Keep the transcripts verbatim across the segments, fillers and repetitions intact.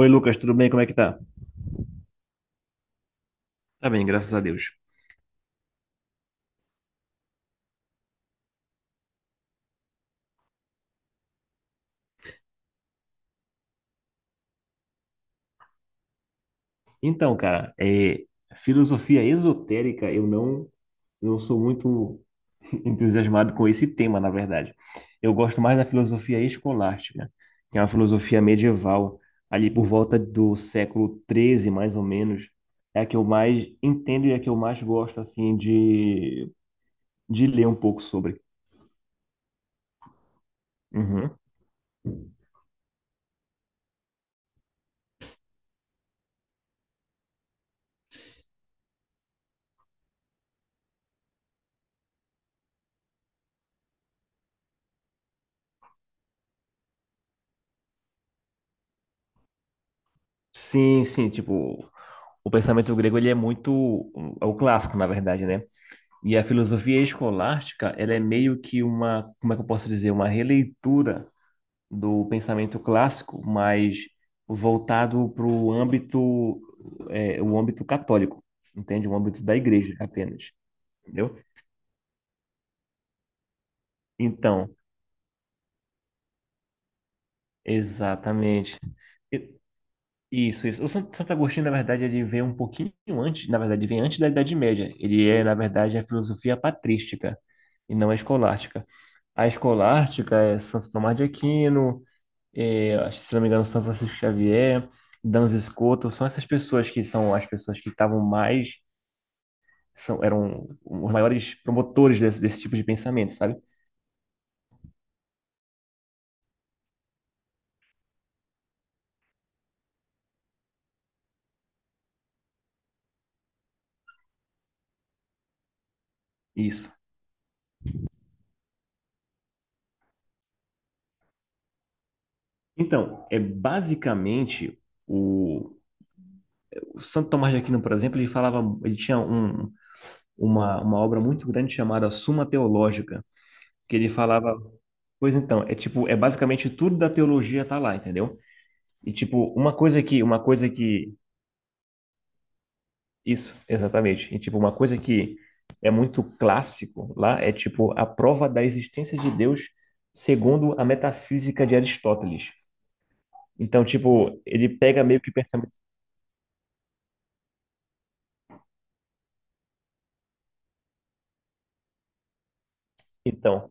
Oi, Lucas, tudo bem? Como é que tá? Tá bem, graças a Deus. Então, cara, é, filosofia esotérica, eu não, não sou muito entusiasmado com esse tema, na verdade. Eu gosto mais da filosofia escolástica, que é uma filosofia medieval, ali por volta do século treze, mais ou menos. É a que eu mais entendo e é a que eu mais gosto, assim, de, de ler um pouco sobre. Uhum. Sim, sim, tipo, o pensamento grego ele é muito é o clássico, na verdade, né? E a filosofia escolástica, ela é meio que uma, como é que eu posso dizer, uma releitura do pensamento clássico, mas voltado para o âmbito, é, o âmbito católico, entende? O âmbito da igreja apenas, entendeu? Então, exatamente. E- Isso, isso. O San- Santo Agostinho, na verdade, ele veio um pouquinho antes, na verdade, vem antes da Idade Média. Ele é, na verdade, a filosofia patrística e não a escolástica. A escolástica é Santo Tomás de Aquino, é, acho que, se não me engano, São Francisco Xavier, Danza Escoto, são essas pessoas que são as pessoas que estavam mais, são, eram os maiores promotores desse, desse tipo de pensamento, sabe? Isso. Então, é basicamente o, o Santo Tomás de Aquino, por exemplo, ele falava, ele tinha um, uma, uma obra muito grande chamada Suma Teológica, que ele falava. Pois então, é tipo, é basicamente tudo da teologia tá lá, entendeu? E tipo, uma coisa que, uma coisa que Isso, exatamente. E tipo, uma coisa que é muito clássico lá é tipo a prova da existência de Deus segundo a metafísica de Aristóteles. Então, tipo, ele pega meio que o pensamento. Então,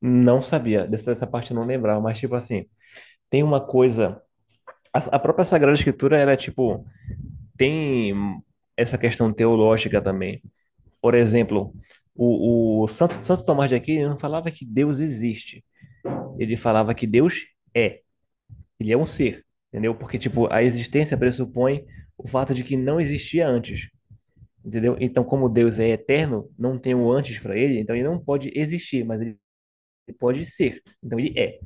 não sabia, dessa, dessa parte eu não lembrava, mas tipo assim, tem uma coisa. A, a própria Sagrada Escritura, ela é tipo, tem essa questão teológica também. Por exemplo, o, o Santo, Santo Tomás de Aquino não falava que Deus existe, ele falava que Deus é. Ele é um ser, entendeu? Porque, tipo, a existência pressupõe o fato de que não existia antes, entendeu? Então, como Deus é eterno, não tem o antes para ele, então ele não pode existir, mas ele pode ser. Então, ele é.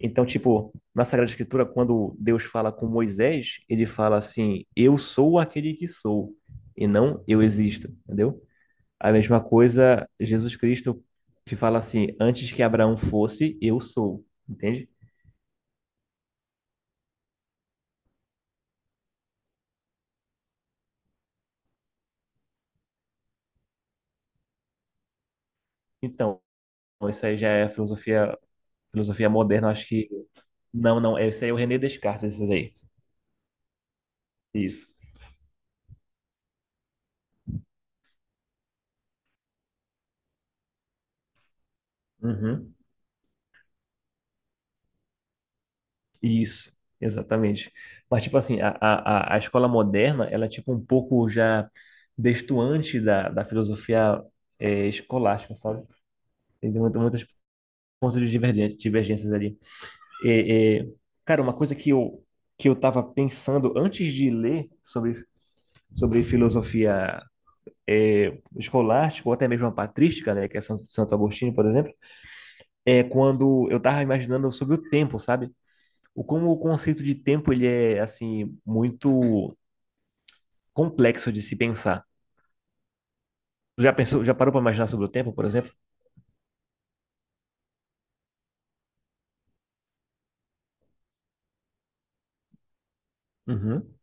Então, tipo, na Sagrada Escritura, quando Deus fala com Moisés, ele fala assim: Eu sou aquele que sou, e não eu existo, entendeu? A mesma coisa, Jesus Cristo, que fala assim: Antes que Abraão fosse, eu sou, entende? Então, isso aí já é a filosofia. Filosofia moderna, acho que. Não, não, esse aí é o René Descartes, esse aí. Isso. Uhum. Isso, exatamente. Mas, tipo assim, a, a, a a escola moderna, ela é, tipo, um pouco já destoante da, da filosofia eh, escolástica, sabe? Tem muitas, muitos pontos de divergência, divergências ali. É, é, cara, uma coisa que eu, que eu tava pensando antes de ler sobre, sobre filosofia eh, escolástica, ou até mesmo a patrística, né, que é San- Santo Agostinho, por exemplo, é quando eu tava imaginando sobre o tempo, sabe? O como o conceito de tempo ele é assim muito complexo de se pensar. Tu já pensou, já parou para imaginar sobre o tempo, por exemplo? Uhum,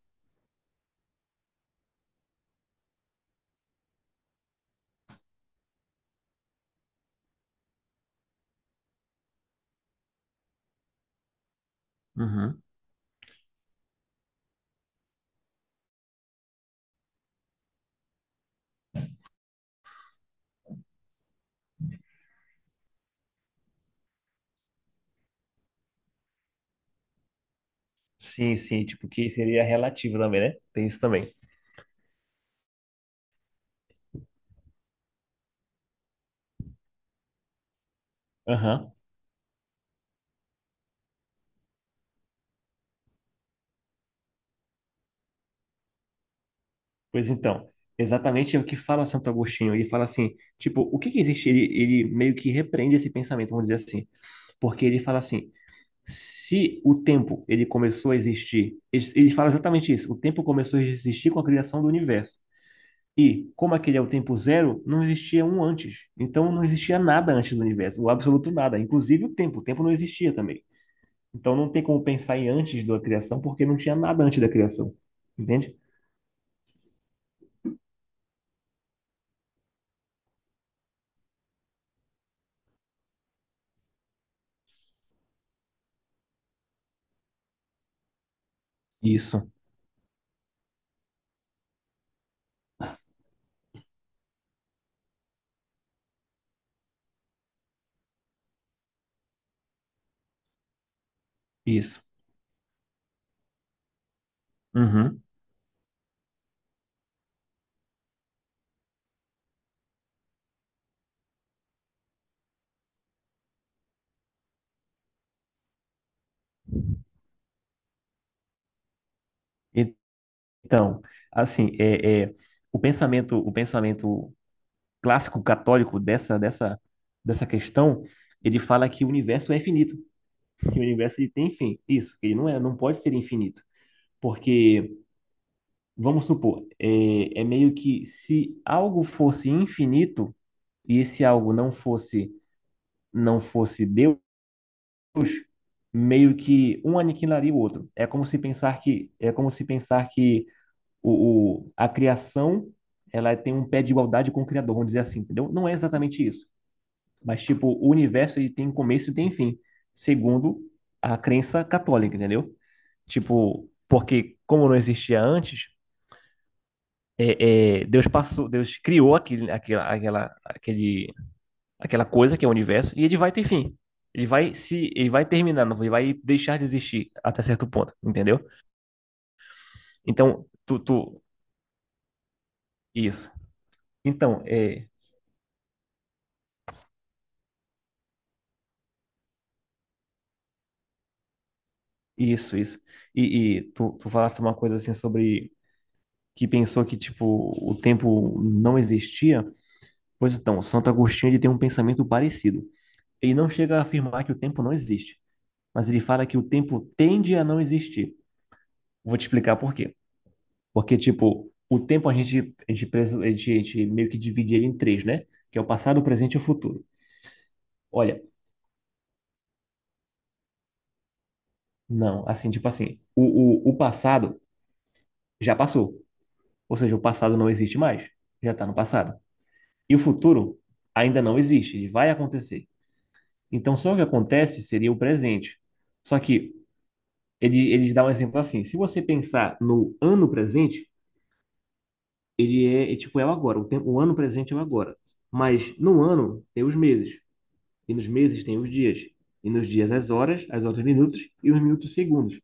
uhum. Sim, sim, tipo que seria relativo também, né? Tem isso também. Aham. Pois então, exatamente é o que fala Santo Agostinho. Ele fala assim, tipo, o que que existe? Ele, ele meio que repreende esse pensamento, vamos dizer assim, porque ele fala assim, se o tempo ele começou a existir, ele ele fala exatamente isso, o tempo começou a existir com a criação do universo. E como aquele é o tempo zero, não existia um antes. Então não existia nada antes do universo, o absoluto nada, inclusive o tempo, o tempo não existia também. Então não tem como pensar em antes da criação porque não tinha nada antes da criação. Entende? Isso, isso. Uhum. Então, assim, é, é, o pensamento, o pensamento clássico católico dessa, dessa, dessa questão, ele fala que o universo é infinito, que o universo ele tem fim. Isso, que ele não é, não pode ser infinito. Porque, vamos supor, é, é meio que se algo fosse infinito e esse algo não fosse, não fosse Deus, meio que um aniquilaria o outro. É como se pensar que, é como se pensar que o, o, a criação ela tem um pé de igualdade com o Criador, vamos dizer assim, entendeu? Não é exatamente isso. Mas, tipo, o universo ele tem começo e tem fim, segundo a crença católica, entendeu? Tipo, porque como não existia antes, é, Deus passou, Deus criou aquele, aquela, aquela, aquele, aquela coisa que é o universo e ele vai ter fim. Ele vai se, ele vai terminar, não- ele vai deixar de existir até certo ponto, entendeu? Então, tu, tu, isso. Então, é, isso, isso. E, e tu, tu falaste uma coisa assim sobre que pensou que, tipo, o tempo não existia. Pois então, Santo Agostinho ele tem um pensamento parecido. Ele não chega a afirmar que o tempo não existe, mas ele fala que o tempo tende a não existir. Vou te explicar por quê. Porque, tipo, o tempo a gente, a gente, preso- a gente, a gente meio que divide ele em três, né? Que é o passado, o presente e o futuro. Olha, não, assim, tipo assim, o, o, o passado já passou. Ou seja, o passado não existe mais. Já está no passado. E o futuro ainda não existe, ele vai acontecer. Então, só o que acontece seria o presente. Só que Ele, ele dá um exemplo assim: se você pensar no ano presente, ele é, é tipo é o agora, o tempo, o ano presente é o agora. Mas no ano tem os meses, e nos meses tem os dias, e nos dias as horas, as horas os minutos e os minutos os segundos.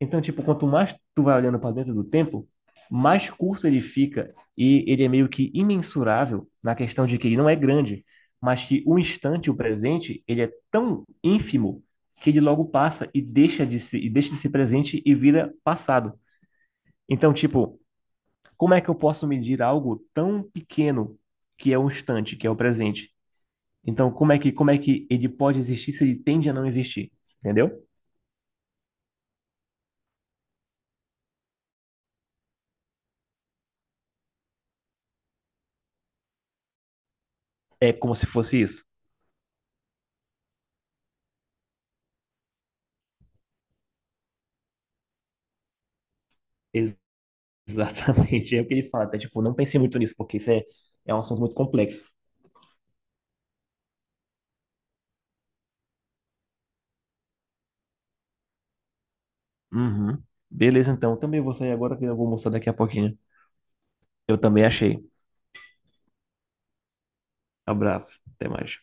Então, tipo, quanto mais tu vai olhando para dentro do tempo, mais curto ele fica e ele é meio que imensurável na questão de que ele não é grande, mas que o instante, o presente, ele é tão ínfimo que ele logo passa e deixa de se, e deixa de ser presente e vira passado. Então, tipo, como é que eu posso medir algo tão pequeno que é o instante, que é o presente? Então, como é que, como é que ele pode existir se ele tende a não existir? Entendeu? É como se fosse isso. Ex- Exatamente. É o que ele fala, tá? Tipo, não pensei muito nisso, porque isso é, é um assunto muito complexo. Uhum. Beleza, então. Também vou sair agora, que eu vou mostrar daqui a pouquinho. Eu também achei. Abraço. Até mais.